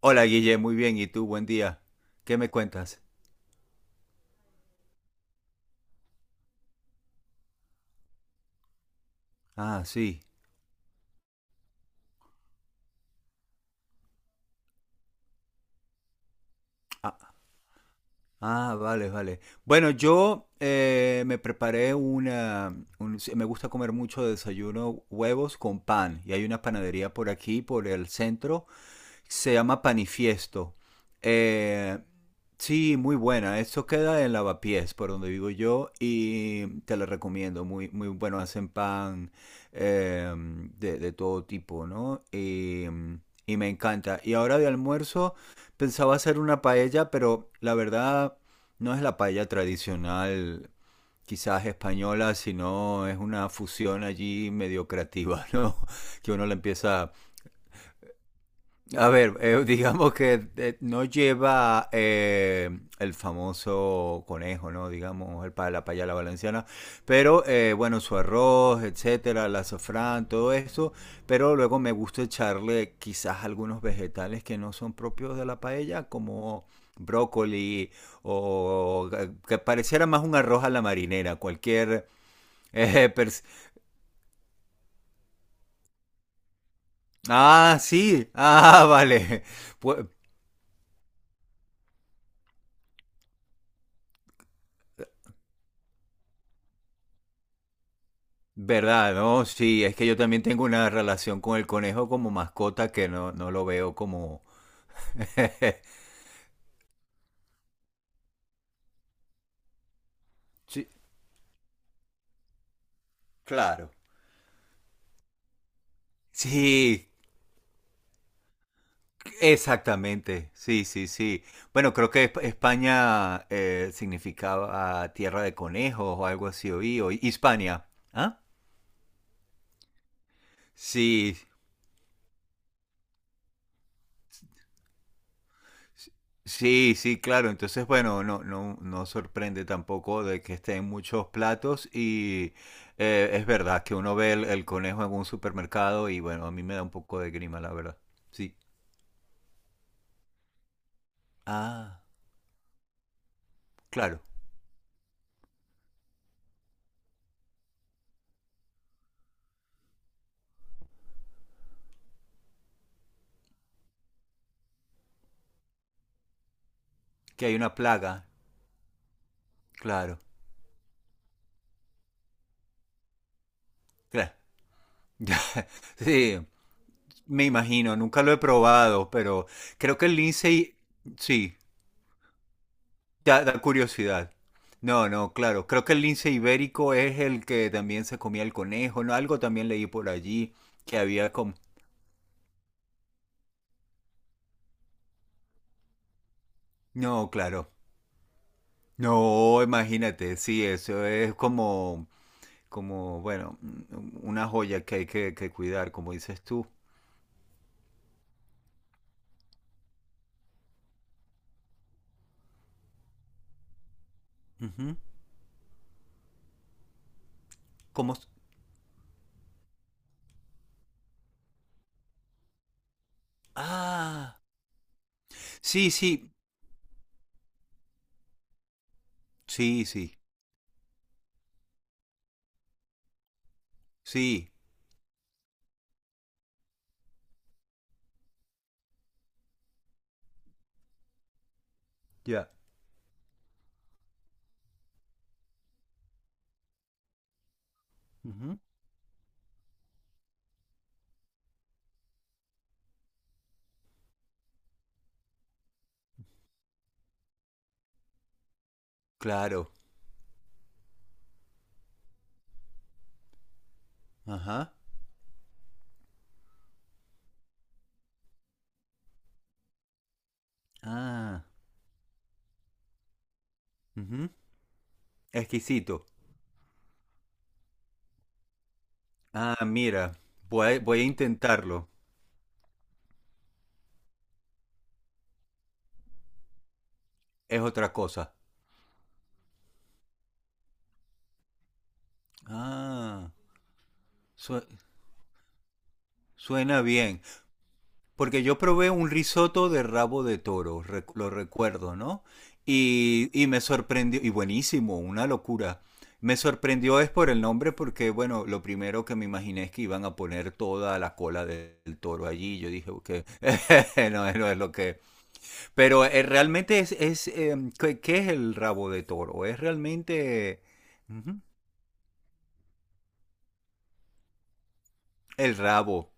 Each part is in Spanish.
Hola Guille, muy bien. ¿Y tú? Buen día. ¿Qué me cuentas? Ah, sí. Ah, ah, vale, vale. Bueno, yo me preparé una... sí, me gusta comer mucho de desayuno huevos con pan. Y hay una panadería por aquí, por el centro, se llama Panifiesto. Eh, sí, muy buena. Esto queda en Lavapiés, por donde vivo yo, y te la recomiendo. Muy, muy bueno, hacen pan eh, de todo tipo, ¿no? Y me encanta. Y ahora de almuerzo pensaba hacer una paella, pero la verdad no es la paella tradicional quizás española, sino es una fusión allí medio creativa, ¿no? Que uno le empieza a ver, digamos que no lleva el famoso conejo, ¿no? Digamos, el pa la payala valenciana, pero bueno, su arroz, etcétera, la azafrán, todo eso, pero luego me gusta echarle quizás algunos vegetales que no son propios de la paella, como brócoli o que pareciera más un arroz a la marinera, cualquier... eh, pers- ah, sí, ah, vale. ¿Verdad? No, sí, es que yo también tengo una relación con el conejo como mascota que no, no lo veo como... Sí, claro. Sí, exactamente. Sí, sí, sí. Bueno, creo que España significaba tierra de conejos o algo así, oí, o Hispania. ¿Ah? Sí, sí, sí, claro. Entonces, bueno, no, no, no sorprende tampoco de que estén muchos platos y es verdad que uno ve el conejo en un supermercado y bueno, a mí me da un poco de grima, la verdad. Sí. Ah, claro. Que hay una plaga. Claro. Claro. Sí, me imagino. Nunca lo he probado, pero creo que el lince, sí. Da, da curiosidad. No, no, claro. Creo que el lince ibérico es el que también se comía el conejo, ¿no? Algo también leí por allí que había como... No, claro. No, imagínate, sí, eso es como, como, bueno, una joya que hay que cuidar, como dices tú. Ujú. Como... Ah, sí, sí, sí, sí, sí, ya. Ujú. Claro. Ajá. Ah. Ujú. Exquisito. Ah, mira, voy a, voy a intentarlo. Es otra cosa. Ah, su- suena bien. Porque yo probé un risotto de rabo de toro, lo recuerdo, ¿no? Y me sorprendió, y buenísimo, una locura. Me sorprendió es por el nombre porque, bueno, lo primero que me imaginé es que iban a poner toda la cola del toro allí. Yo dije, ok, no, no es lo que... Pero realmente es ¿qué, qué es el rabo de toro? Es realmente... El rabo.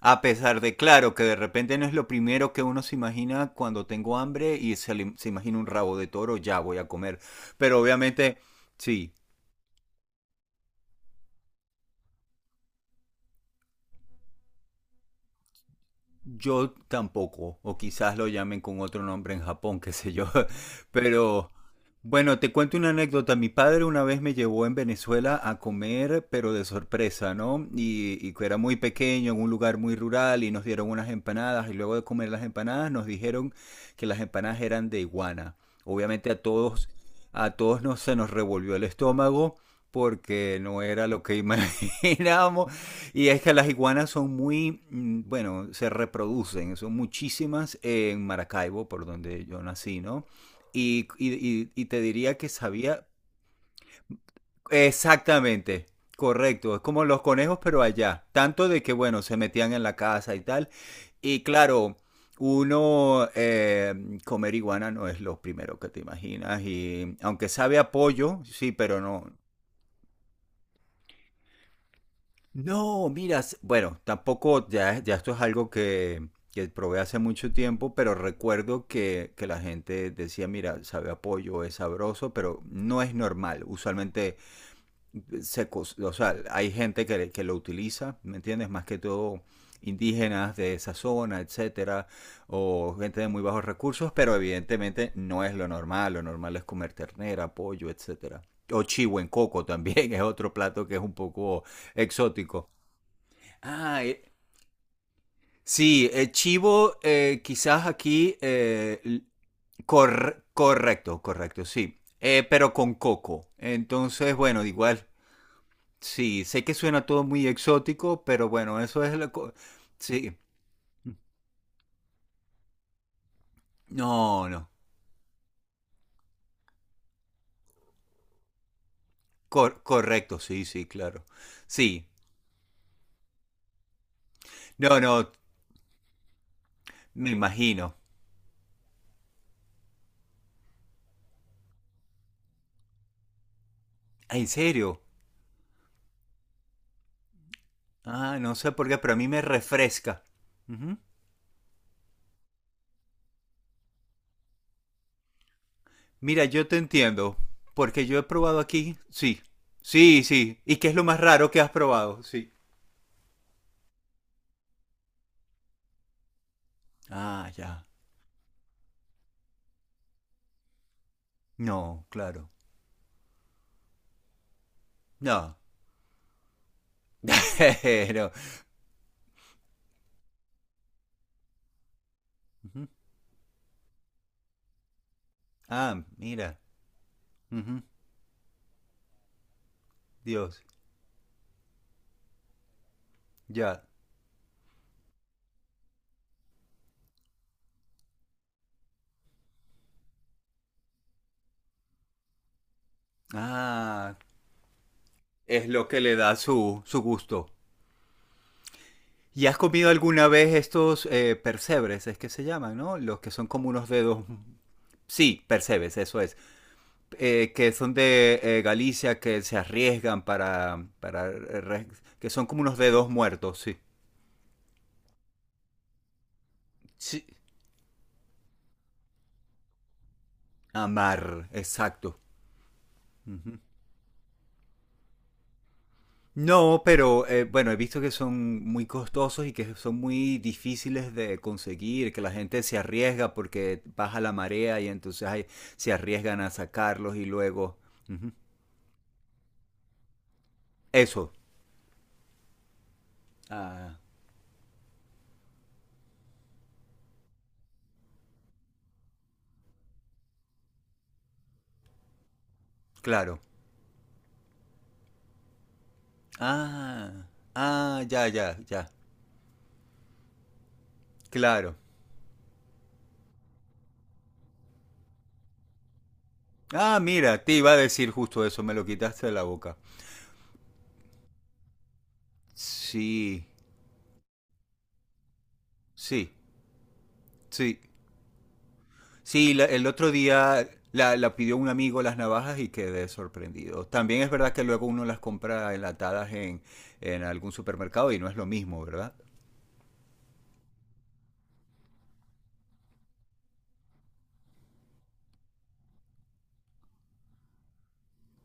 A pesar de, claro, que de repente no es lo primero que uno se imagina cuando tengo hambre y se imagina un rabo de toro, ya voy a comer. Pero obviamente, sí. Yo tampoco, o quizás lo llamen con otro nombre en Japón, qué sé yo. Pero bueno, te cuento una anécdota. Mi padre una vez me llevó en Venezuela a comer, pero de sorpresa, ¿no? Y que era muy pequeño, en un lugar muy rural, y nos dieron unas empanadas, y luego de comer las empanadas nos dijeron que las empanadas eran de iguana. Obviamente a todos nos, se nos revolvió el estómago porque no era lo que imaginábamos. Y es que las iguanas son muy, bueno, se reproducen, son muchísimas en Maracaibo, por donde yo nací, ¿no? Y, y te diría que sabía exactamente, correcto, es como los conejos, pero allá, tanto de que, bueno, se metían en la casa y tal. Y claro, uno comer iguana no es lo primero que te imaginas, y aunque sabe a pollo, sí, pero no. No, miras, bueno, tampoco, ya, ya esto es algo que probé hace mucho tiempo, pero recuerdo que la gente decía, mira, sabe a pollo, es sabroso, pero no es normal. Usualmente se, o sea, hay gente que lo utiliza, ¿me entiendes? Más que todo indígenas de esa zona, etcétera, o gente de muy bajos recursos, pero evidentemente no es lo normal. Lo normal es comer ternera, pollo, etcétera. O chivo en coco también es otro plato que es un poco exótico. Ah, sí, chivo, quizás aquí, correcto, correcto, sí. Pero con coco. Entonces, bueno, igual, sí, sé que suena todo muy exótico, pero bueno, eso es la... co- Sí, no, no, correcto, sí, sí, claro. Sí, no, no, me imagino. Ah, ¿en serio? Ah, no sé por qué, pero a mí me refresca. Mira, yo te entiendo, porque yo he probado aquí, sí, sí, sí. ¿Y qué es lo más raro que has probado? Sí. Ah, ya. No, claro. No. Pero. Ujú. Ah, mira. Ujú. Dios. Ya. Ah, es lo que le da su, su gusto. ¿Y has comido alguna vez estos percebres? Es que se llaman, ¿no? Los que son como unos dedos. Sí, percebes, eso es. Que son de Galicia, que se arriesgan para que son como unos dedos muertos, sí. Sí. Amar, exacto. Ujú. No, pero bueno, he visto que son muy costosos y que son muy difíciles de conseguir, que la gente se arriesga porque baja la marea y entonces ahí se arriesgan a sacarlos y luego... Ujú. Eso. Ah, claro. Ah, ah, ya, ya, ya. Claro. Ah, mira, te iba a decir justo eso, me lo quitaste de la boca. Sí, sí, sí. Sí, el otro día la, la pidió un amigo las navajas y quedé sorprendido. También es verdad que luego uno las compra enlatadas en algún supermercado y no es lo mismo, ¿verdad?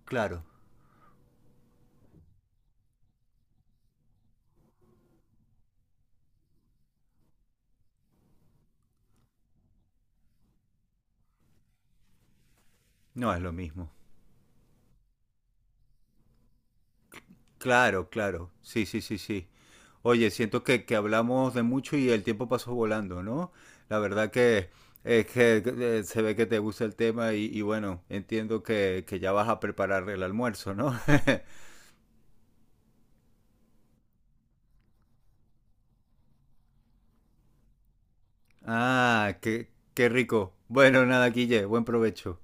Claro, no es lo mismo. Claro, claro. Sí, sí, sí, sí. Oye, siento que hablamos de mucho y el tiempo pasó volando, ¿no? La verdad que es que se ve que te gusta el tema y bueno, entiendo que ya vas a preparar el almuerzo, ¿no? Ah, qué, qué rico. Bueno, nada, Guille, buen provecho.